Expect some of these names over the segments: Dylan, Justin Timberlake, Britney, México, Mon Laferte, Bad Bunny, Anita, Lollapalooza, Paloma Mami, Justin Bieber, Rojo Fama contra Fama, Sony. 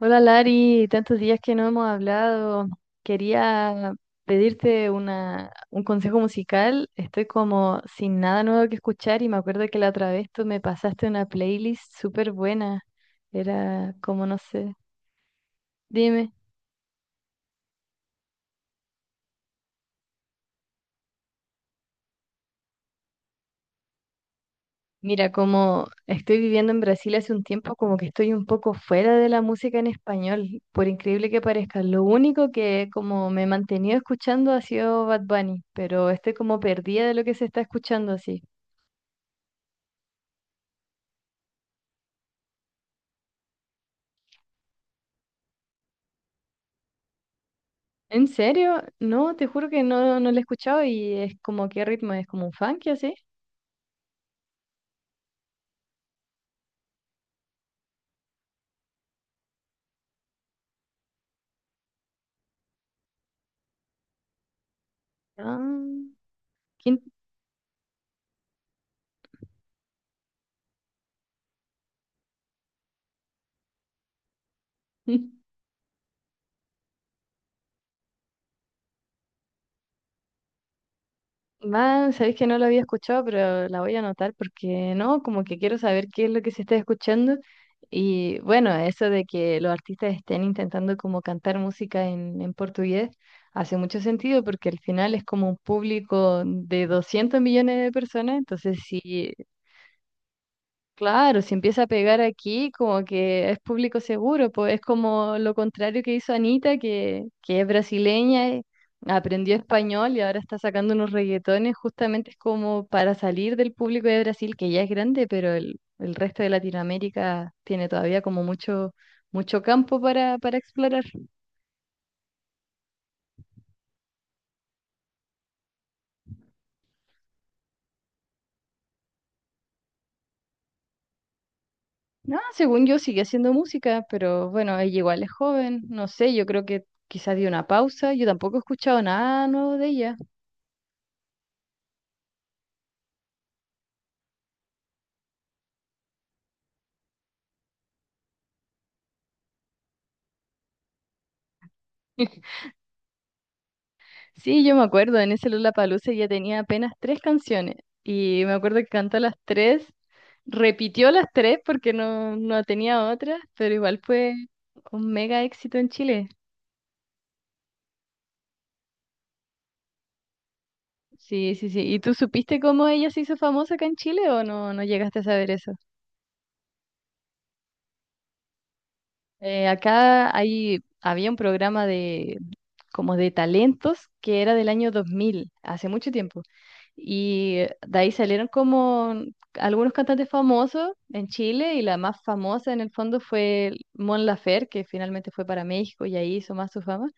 Hola Lari, tantos días que no hemos hablado. Quería pedirte un consejo musical. Estoy como sin nada nuevo que escuchar y me acuerdo que la otra vez tú me pasaste una playlist súper buena. Era como, no sé, dime. Mira, como estoy viviendo en Brasil hace un tiempo, como que estoy un poco fuera de la música en español, por increíble que parezca. Lo único que como me he mantenido escuchando ha sido Bad Bunny, pero estoy como perdida de lo que se está escuchando así. ¿En serio? No, te juro que no, no la he escuchado y es como qué ritmo, es como un funky así. Ah, qué in- Man, sabéis que no lo había escuchado, pero la voy a anotar porque no, como que quiero saber qué es lo que se está escuchando. Y bueno, eso de que los artistas estén intentando como cantar música en portugués hace mucho sentido porque al final es como un público de 200 millones de personas, entonces sí. Claro, si empieza a pegar aquí, como que es público seguro, pues es como lo contrario que hizo Anita, que es brasileña, aprendió español y ahora está sacando unos reggaetones, justamente es como para salir del público de Brasil, que ya es grande, pero el resto de Latinoamérica tiene todavía como mucho, mucho campo para explorar. No, según yo sigue haciendo música, pero bueno, ella igual es joven, no sé, yo creo que quizás dio una pausa, yo tampoco he escuchado nada nuevo de ella. Sí, yo me acuerdo, en ese Lollapalooza ya tenía apenas tres canciones y me acuerdo que cantó las tres, repitió las tres porque no, no tenía otras, pero igual fue un mega éxito en Chile. Sí, sí, sí. ¿Y tú supiste cómo ella se hizo famosa acá en Chile o no, no llegaste a saber eso? Acá hay, había un programa de, como de talentos que era del año 2000, hace mucho tiempo. Y de ahí salieron como algunos cantantes famosos en Chile y la más famosa en el fondo fue Mon Laferte, que finalmente fue para México y ahí hizo más su fama.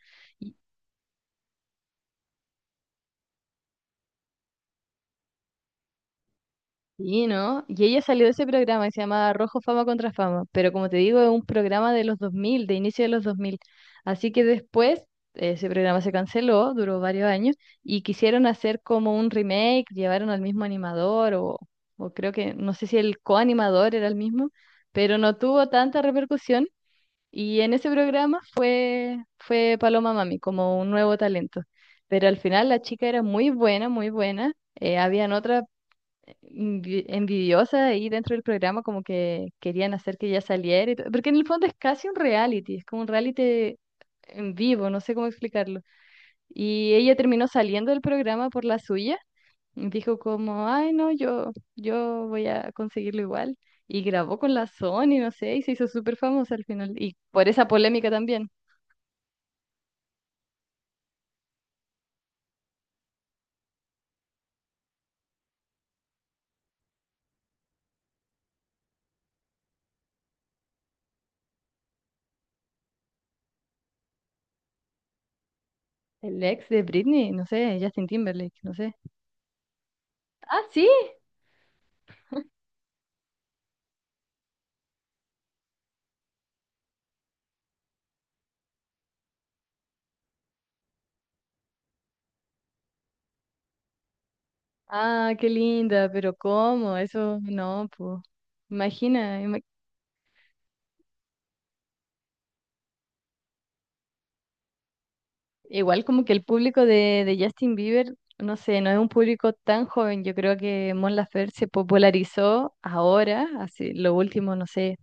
Sí, ¿no? Y ella salió de ese programa que se llamaba Rojo Fama contra Fama, pero como te digo, es un programa de los 2000, de inicio de los 2000. Así que después ese programa se canceló, duró varios años, y quisieron hacer como un remake, llevaron al mismo animador, o creo que, no sé si el coanimador era el mismo, pero no tuvo tanta repercusión. Y en ese programa fue Paloma Mami, como un nuevo talento. Pero al final la chica era muy buena, muy buena. Habían otras envidiosa ahí dentro del programa, como que querían hacer que ella saliera, y todo, porque en el fondo es casi un reality, es como un reality en vivo, no sé cómo explicarlo. Y ella terminó saliendo del programa por la suya, y dijo como, ay no, yo voy a conseguirlo igual, y grabó con la Sony, no sé, y se hizo súper famosa al final, y por esa polémica también. El ex de Britney, no sé, Justin Timberlake, no sé. Ah, sí. Ah, qué linda, pero ¿cómo? Eso no, pues. Imagina, igual como que el público de Justin Bieber, no sé, no es un público tan joven. Yo creo que Mon Laferte se popularizó ahora, hace lo último, no sé,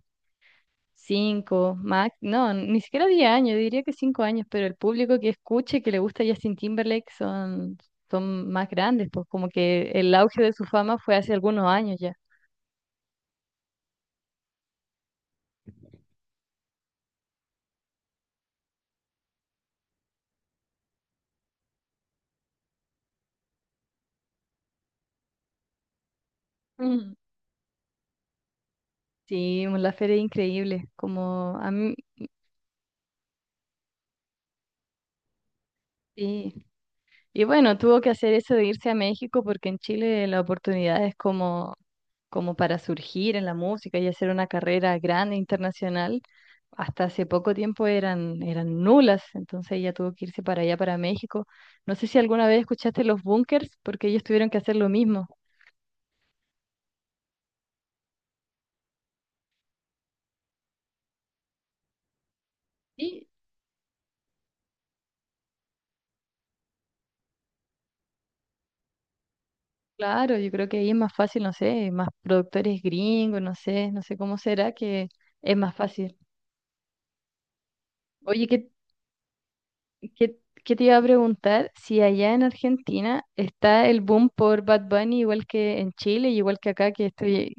cinco, más, no, ni siquiera 10 años, yo diría que 5 años, pero el público que escuche, que le gusta Justin Timberlake son más grandes, pues como que el auge de su fama fue hace algunos años ya. Ujú. Sí, Mon Laferte es increíble. Como a mí, sí. Y bueno, tuvo que hacer eso de irse a México porque en Chile la oportunidad es como, como para surgir en la música y hacer una carrera grande internacional. Hasta hace poco tiempo eran nulas, entonces ella tuvo que irse para allá, para México. No sé si alguna vez escuchaste los bunkers, porque ellos tuvieron que hacer lo mismo. Sí, claro, yo creo que ahí es más fácil, no sé, más productores gringos, no sé, no sé cómo será que es más fácil. Oye, ¿Qué, qué te iba a preguntar? Si allá en Argentina está el boom por Bad Bunny, igual que en Chile y igual que acá, que estoy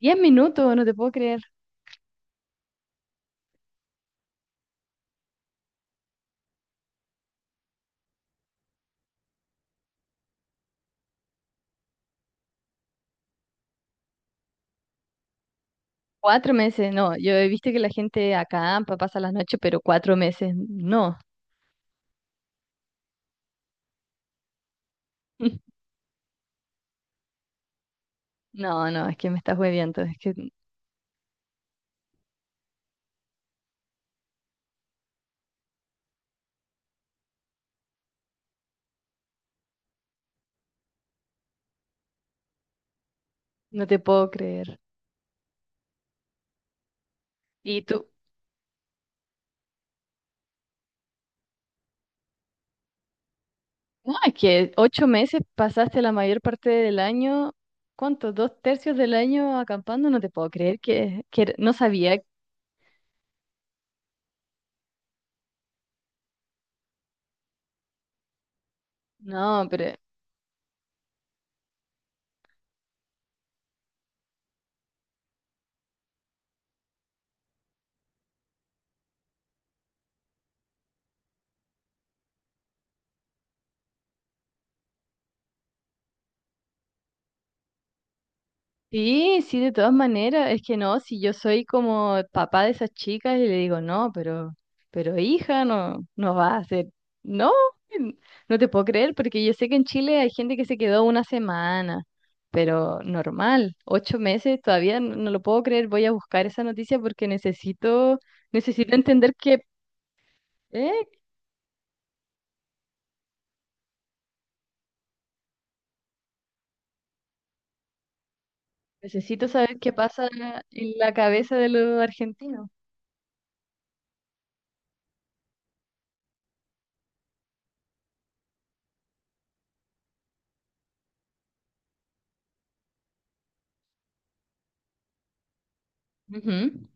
10 minutos, no te puedo creer. 4 meses, no. Yo he visto que la gente acampa, pasa las noches, pero 4 meses, no. No, no, es que me estás hueviando, es que no te puedo creer. Y tú, no, es que 8 meses pasaste la mayor parte del año, ¿cuánto? Dos tercios del año acampando, no te puedo creer que, no sabía. No, pero sí, sí, de todas maneras, es que no, si yo soy como el papá de esas chicas y le digo, no, pero hija, no, no va a hacer, no, en- no te puedo creer, porque yo sé que en Chile hay gente que se quedó una semana, pero normal, 8 meses, todavía no, lo puedo creer, voy a buscar esa noticia porque necesito entender qué, ¿eh? Necesito saber qué pasa en la cabeza de los argentinos. Ujú.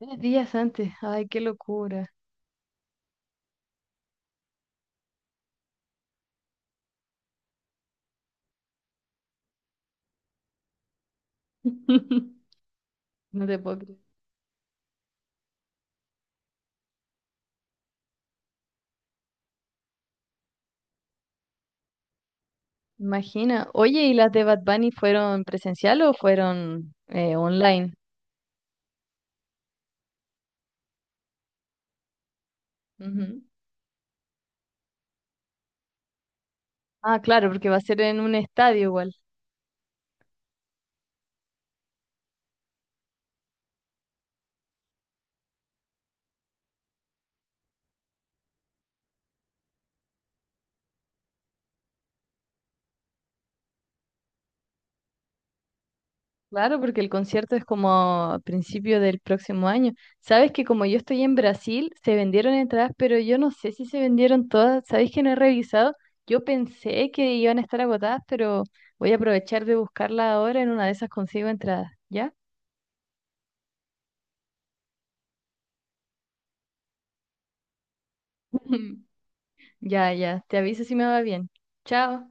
3 días antes, ay, qué locura. No te puedo creer. Imagina. Oye, ¿y las de Bad Bunny fueron presencial o fueron online? Ujú. Ah, claro, porque va a ser en un estadio igual. Claro, porque el concierto es como a principio del próximo año. Sabes que como yo estoy en Brasil, se vendieron entradas, pero yo no sé si se vendieron todas. Sabes que no he revisado. Yo pensé que iban a estar agotadas, pero voy a aprovechar de buscarla ahora. En una de esas consigo entradas. ¿Ya? Ya, ya. Te aviso si me va bien. Chao.